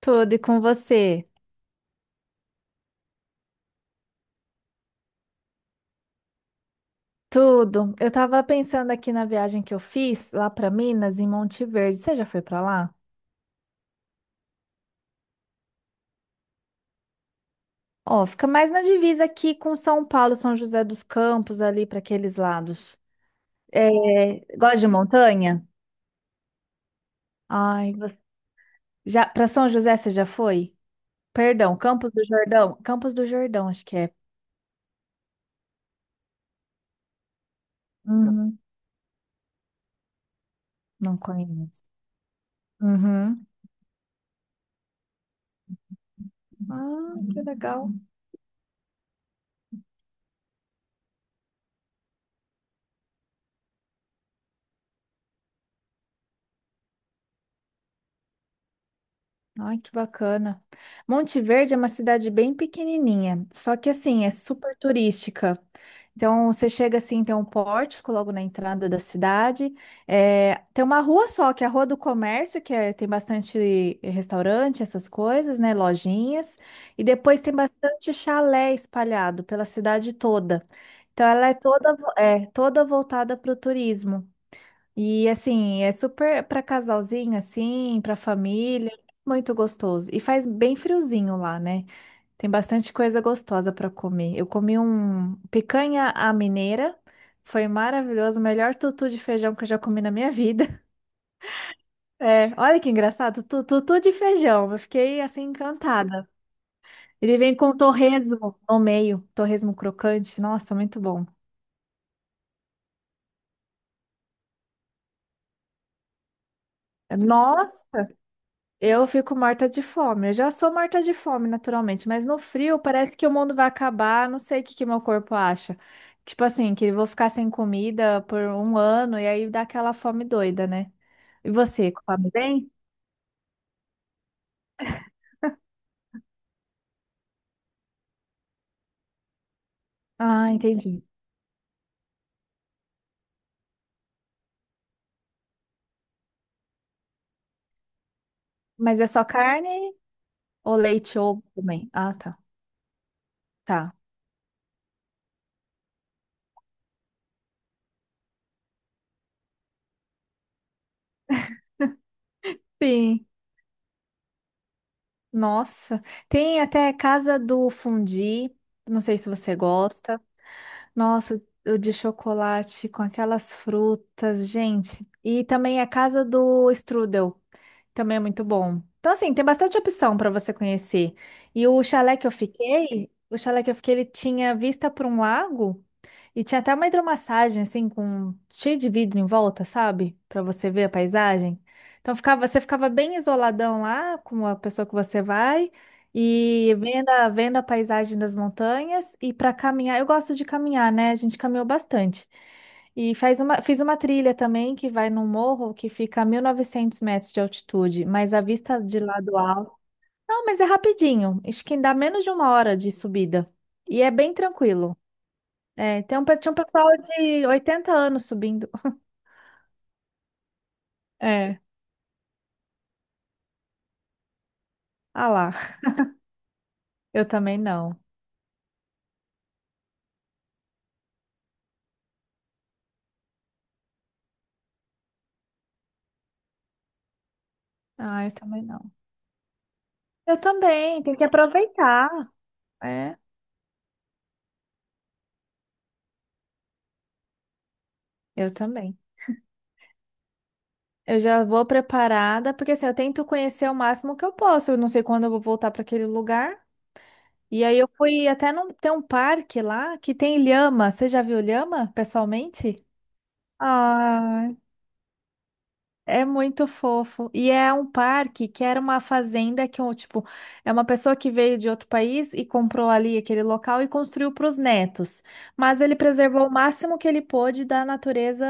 Tudo e com você? Tudo. Eu tava pensando aqui na viagem que eu fiz lá para Minas, em Monte Verde. Você já foi para lá? Ó, fica mais na divisa aqui com São Paulo, São José dos Campos, ali para aqueles lados. É, gosta de montanha? Ai, já para São José você já foi? Perdão, Campos do Jordão? Campos do Jordão, acho que é. Uhum, não conheço. Uhum. Ah, que legal. Ai, que bacana. Monte Verde é uma cidade bem pequenininha, só que assim, é super turística. Então, você chega assim, tem um pórtico logo na entrada da cidade. É, tem uma rua só, que é a Rua do Comércio, tem bastante restaurante, essas coisas, né? Lojinhas. E depois tem bastante chalé espalhado pela cidade toda. Então, ela é toda, toda voltada para o turismo. E assim, é super para casalzinho assim, para família, muito gostoso. E faz bem friozinho lá, né? Tem bastante coisa gostosa para comer. Eu comi um picanha à mineira, foi maravilhoso, o melhor tutu de feijão que eu já comi na minha vida. É, olha que engraçado, tutu de feijão. Eu fiquei assim encantada. Ele vem com torresmo no meio, torresmo crocante. Nossa, muito bom. É, nossa! Eu fico morta de fome. Eu já sou morta de fome, naturalmente, mas no frio parece que o mundo vai acabar. Não sei o que que meu corpo acha. Tipo assim, que eu vou ficar sem comida por um ano e aí dá aquela fome doida, né? E você, come bem? Ah, entendi. Mas é só carne ou leite ou também? Ah, tá. Tá. Sim. Nossa. Tem até casa do fundi. Não sei se você gosta. Nossa, o de chocolate com aquelas frutas, gente. E também a casa do strudel, também é muito bom. Então, assim, tem bastante opção para você conhecer. E o chalé que eu fiquei, o chalé que eu fiquei, ele tinha vista para um lago. E tinha até uma hidromassagem, assim, com cheio de vidro em volta, sabe? Pra você ver a paisagem. Então ficava, você ficava bem isoladão lá com a pessoa que você vai e vendo a paisagem das montanhas e pra caminhar. Eu gosto de caminhar, né? A gente caminhou bastante. E faz uma, fiz uma trilha também que vai num morro que fica a 1.900 metros de altitude, mas a vista de lá do alto. Não, mas é rapidinho. Acho que dá menos de uma hora de subida. E é bem tranquilo. É, tinha um pessoal de 80 anos subindo. É, ah lá, eu também não. Ah, eu também não. Eu também, tem que aproveitar. É, eu também. Eu já vou preparada, porque assim, eu tento conhecer o máximo que eu posso. Eu não sei quando eu vou voltar para aquele lugar. E aí eu fui até num, tem um parque lá que tem lhama. Você já viu lhama pessoalmente? Ah, é muito fofo. E é um parque que era uma fazenda que, um, tipo, é uma pessoa que veio de outro país e comprou ali aquele local e construiu para os netos. Mas ele preservou o máximo que ele pôde da natureza,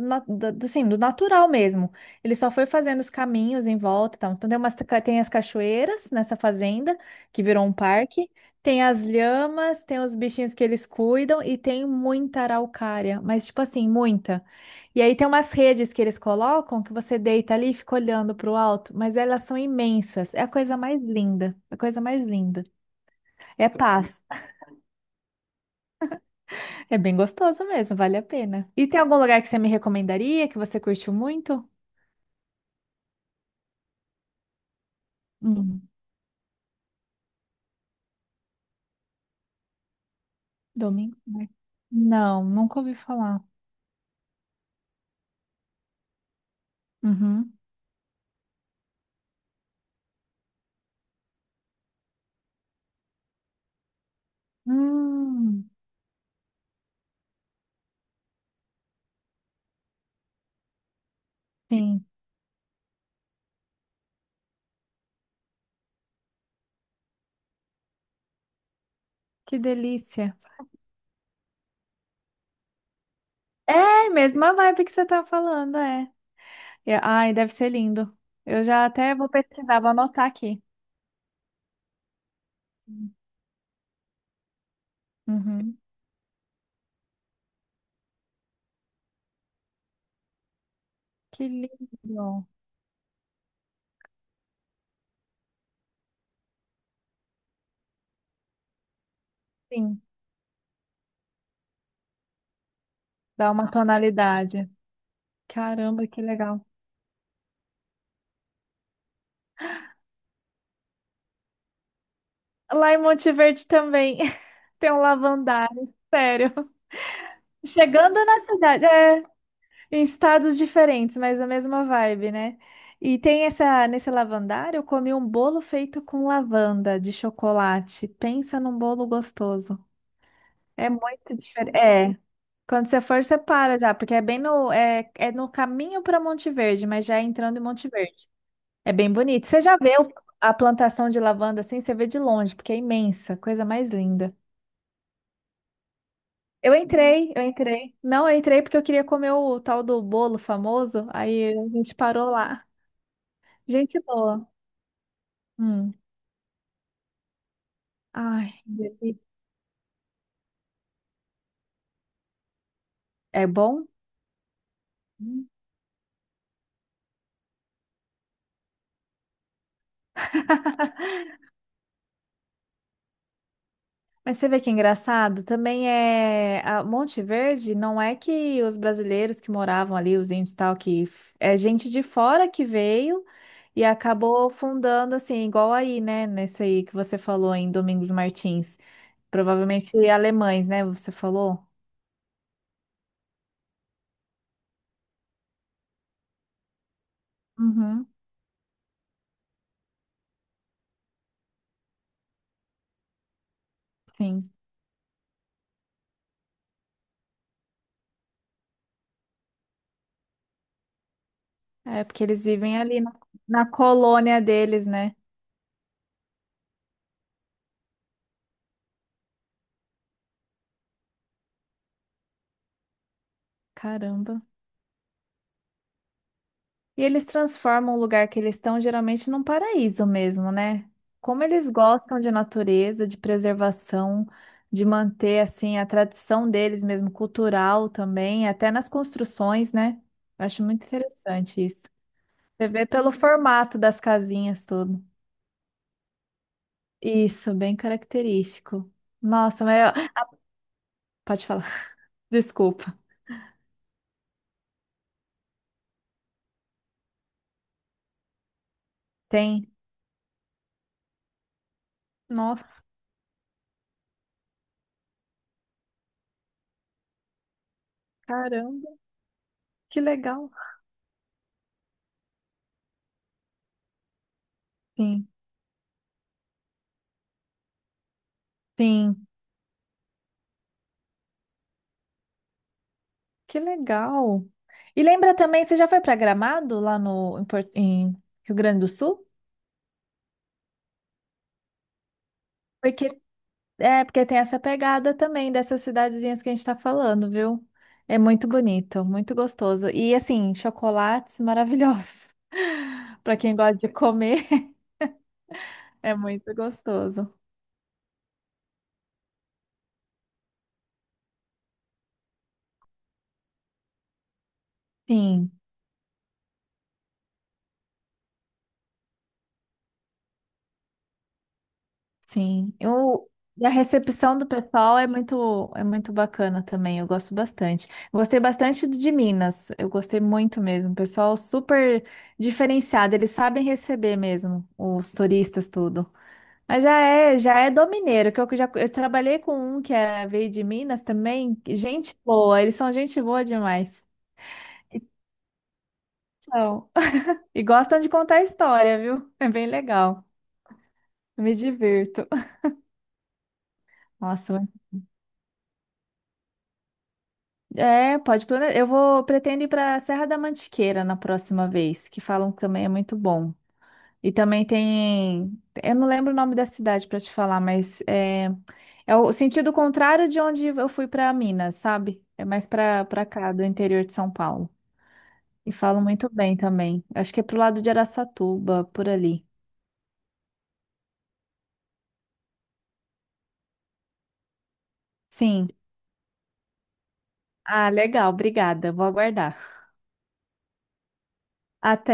assim, do natural mesmo. Ele só foi fazendo os caminhos em volta e tal. Então tem umas, tem as cachoeiras nessa fazenda, que virou um parque. Tem as lhamas, tem os bichinhos que eles cuidam e tem muita araucária. Mas, tipo assim, muita. E aí tem umas redes que eles colocam que você deita ali e fica olhando pro alto, mas elas são imensas. É a coisa mais linda. É a coisa mais linda. É paz. É bem gostoso mesmo, vale a pena. E tem algum lugar que você me recomendaria, que você curtiu muito? Hum, domingo? Né? Não, nunca ouvi falar. Uhum. Hum, sim. Que delícia. É, mesma vibe que você tá falando, é. É, ai, deve ser lindo. Eu já até vou pesquisar, vou anotar aqui. Uhum. Que lindo. Sim, dá uma tonalidade. Caramba, que legal. Lá em Monte Verde também tem um lavandário, sério. Chegando na cidade, é, em estados diferentes, mas a mesma vibe, né? E tem essa, nesse lavandário, eu comi um bolo feito com lavanda de chocolate. Pensa num bolo gostoso. É muito diferente. É. Quando você for, você para já, porque é bem no, é no caminho para Monte Verde, mas já é entrando em Monte Verde. É bem bonito. Você já a plantação de lavanda assim? Você vê de longe, porque é imensa, coisa mais linda. Eu entrei, eu entrei. Não, eu entrei porque eu queria comer o tal do bolo famoso, aí a gente parou lá. Gente boa. Hum. Ai, delícia. É bom? Mas você vê que é engraçado, também é a Monte Verde, não é que os brasileiros que moravam ali, os índios e tal, é gente de fora que veio e acabou fundando assim, igual aí, né, nesse aí que você falou em Domingos Martins, provavelmente alemães, né, você falou? Uhum, sim. É porque eles vivem ali na, na colônia deles, né? Caramba. E eles transformam o lugar que eles estão geralmente num paraíso mesmo, né? Como eles gostam de natureza, de preservação, de manter assim a tradição deles mesmo, cultural também, até nas construções, né? Eu acho muito interessante isso. Você vê pelo formato das casinhas tudo. Isso, bem característico. Nossa, mas ó, pode falar. Desculpa. Tem. Nossa, caramba, que legal. Sim, sim. Que legal. E lembra também, você já foi para Gramado lá no em, em Rio Grande do Sul? Porque é porque tem essa pegada também dessas cidadezinhas que a gente está falando, viu? É muito bonito, muito gostoso. E assim, chocolates maravilhosos. Para quem gosta de comer, é muito gostoso. Sim. Sim. E a recepção do pessoal é muito, bacana também. Eu gosto bastante. Gostei bastante de Minas. Eu gostei muito mesmo. Pessoal super diferenciado. Eles sabem receber mesmo os turistas, tudo. Mas já é do mineiro, que eu já eu trabalhei com um que é, veio de Minas também. Gente boa, eles são gente boa demais. São. E gostam de contar história, viu? É bem legal. Eu me divirto. Nossa, é, pode planejar. Eu vou pretendo ir para Serra da Mantiqueira na próxima vez, que falam que também é muito bom. E também tem, eu não lembro o nome da cidade para te falar, mas é, é o sentido contrário de onde eu fui para Minas, sabe? É mais para cá, do interior de São Paulo. E falam muito bem também. Acho que é pro lado de Araçatuba, por ali. Sim. Ah, legal, obrigada. Vou aguardar.